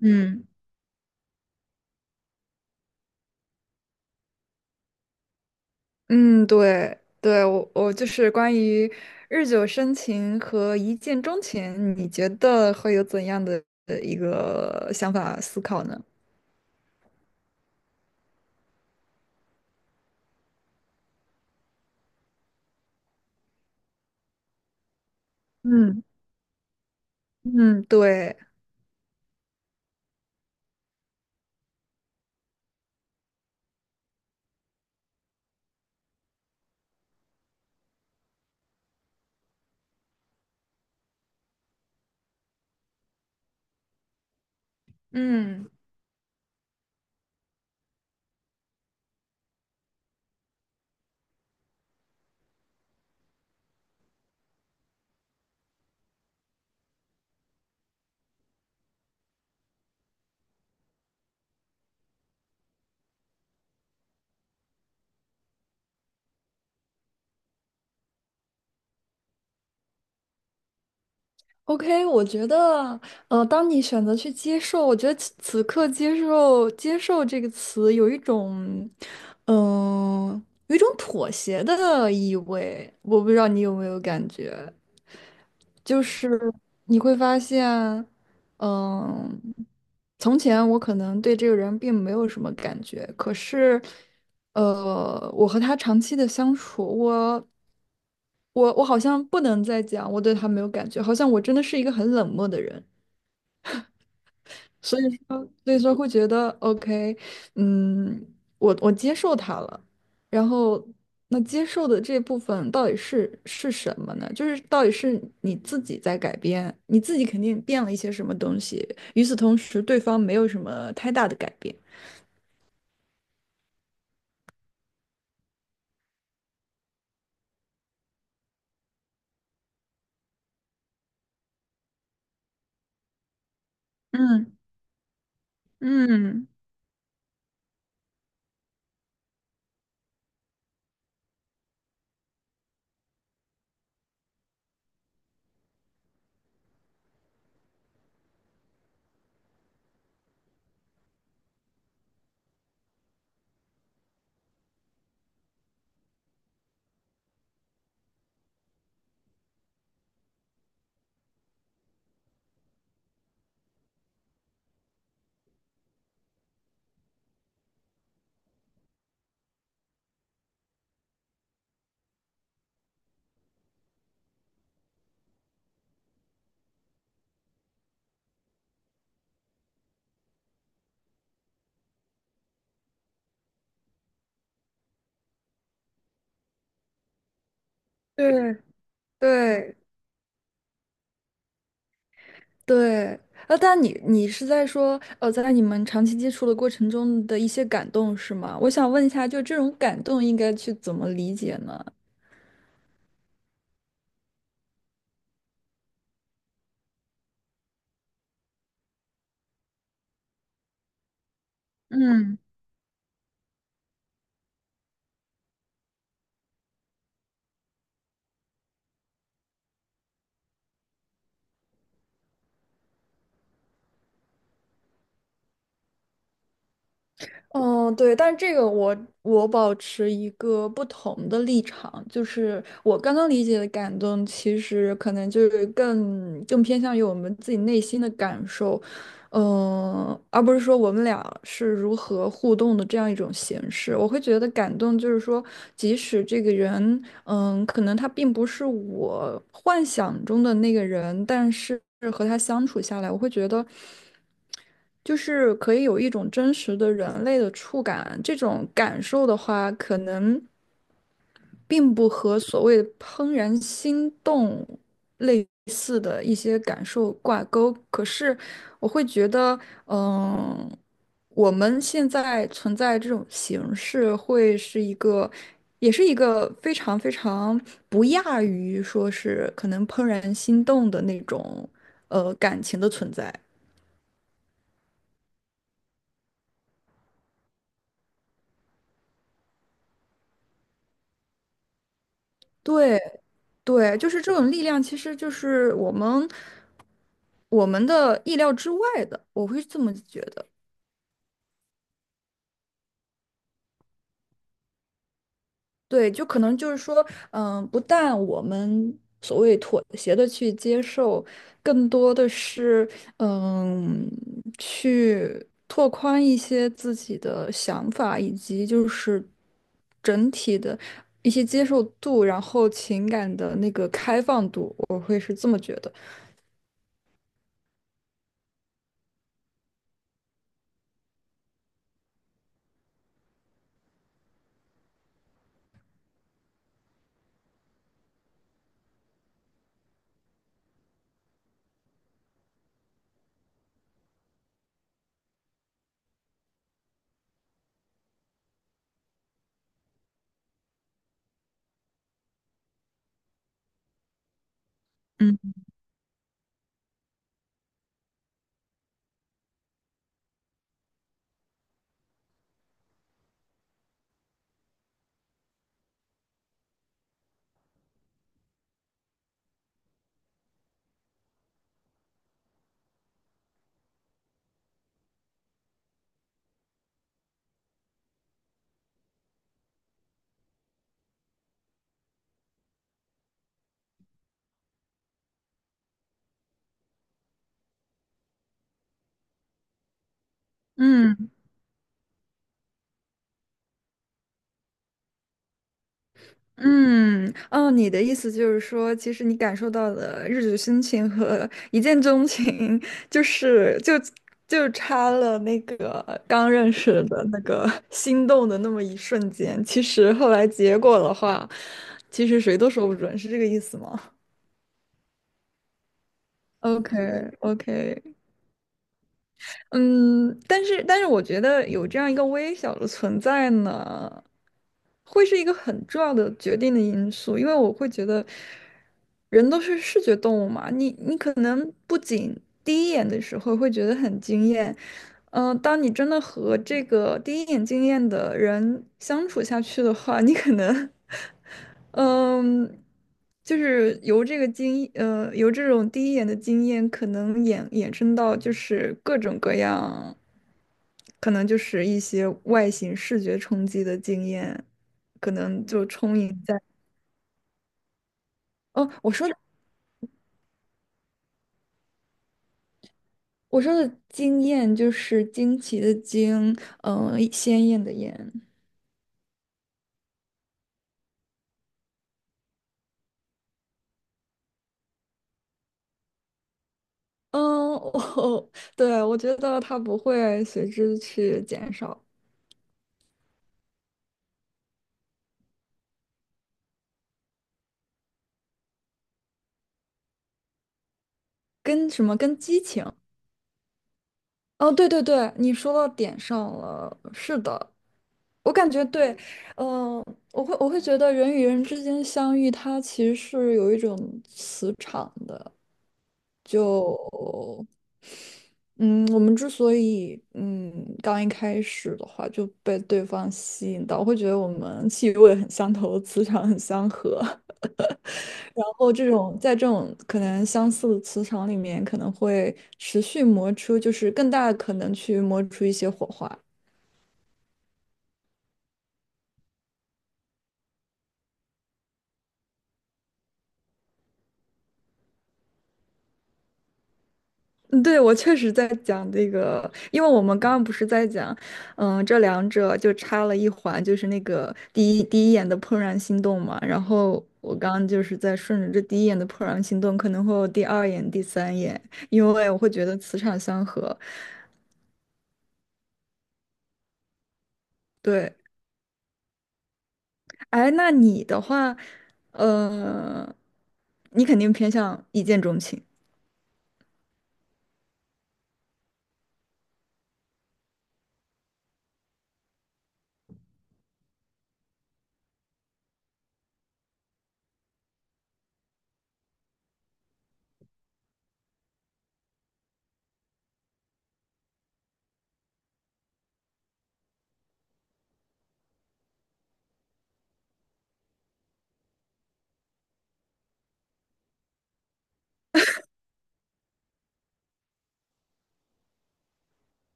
嗯嗯，对对，我就是关于日久生情和一见钟情，你觉得会有怎样的一个想法思考呢？嗯。嗯，对，嗯。OK,我觉得，当你选择去接受，我觉得此刻接受“接受”这个词有一种，有一种妥协的意味。我不知道你有没有感觉？就是你会发现，嗯，从前我可能对这个人并没有什么感觉，可是，我和他长期的相处，我好像不能再讲我对他没有感觉，好像我真的是一个很冷漠的人。所以说，所以说会觉得 OK,嗯，我接受它了，然后那接受的这部分到底是什么呢？就是到底是你自己在改变，你自己肯定变了一些什么东西，与此同时，对方没有什么太大的改变。嗯嗯，对对，对，但你是在说，呃，在你们长期接触的过程中的一些感动是吗？我想问一下，就这种感动应该去怎么理解呢？嗯嗯，对，但是这个我保持一个不同的立场，就是我刚刚理解的感动，其实可能就是更偏向于我们自己内心的感受，嗯，而不是说我们俩是如何互动的这样一种形式。我会觉得感动就是说，即使这个人，嗯，可能他并不是我幻想中的那个人，但是和他相处下来，我会觉得。就是可以有一种真实的人类的触感，这种感受的话，可能并不和所谓的怦然心动类似的一些感受挂钩。可是我会觉得，嗯，我们现在存在这种形式，会是一个，也是一个非常非常不亚于说是可能怦然心动的那种，感情的存在。对，对，就是这种力量，其实就是我们的意料之外的，我会这么觉得。对，就可能就是说，嗯，不但我们所谓妥协的去接受，更多的是，嗯，去拓宽一些自己的想法，以及就是整体的一些接受度，然后情感的那个开放度，我会是这么觉得。嗯嗯。嗯，哦，你的意思就是说，其实你感受到的日久生情和一见钟情，就是就就差了那个刚认识的那个心动的那么一瞬间。其实后来结果的话，其实谁都说不准，是这个意思吗OK，OK，嗯，但是我觉得有这样一个微小的存在呢，会是一个很重要的决定的因素，因为我会觉得人都是视觉动物嘛，你可能不仅第一眼的时候会觉得很惊艳，当你真的和这个第一眼惊艳的人相处下去的话，你可能 嗯，就是由这个经，由这种第一眼的经验，可能衍生到就是各种各样，可能就是一些外形视觉冲击的经验，可能就充盈在。哦，我说的惊艳就是惊奇的惊，鲜艳的艳。嗯，我 对我觉得它不会随之去减少，跟什么跟激情。哦，对对对，你说到点上了。是的，我感觉对，嗯、我会觉得人与人之间相遇，它其实是有一种磁场的。就嗯，我们之所以刚一开始的话就被对方吸引到，我会觉得我们气味很相投，磁场很相合。然后这种在这种可能相似的磁场里面，可能会持续磨出，就是更大的可能去磨出一些火花。嗯，对，我确实在讲这个，因为我们刚刚不是在讲，嗯，这两者就差了一环，就是那个第一眼的怦然心动嘛。然后我刚刚就是在顺着这第一眼的怦然心动，可能会有第二眼、第三眼，因为我会觉得磁场相合。对，哎，那你的话，呃，你肯定偏向一见钟情。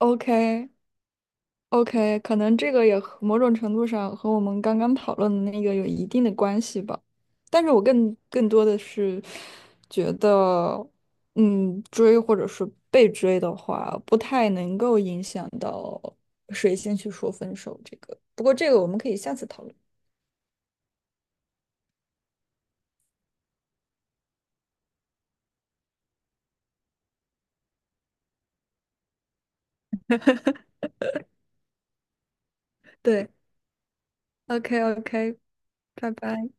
OK，OK，可能这个也和某种程度上和我们刚刚讨论的那个有一定的关系吧，但是我更多的是觉得，嗯，追或者是被追的话，不太能够影响到谁先去说分手这个。不过这个我们可以下次讨论。对，OK OK,拜拜。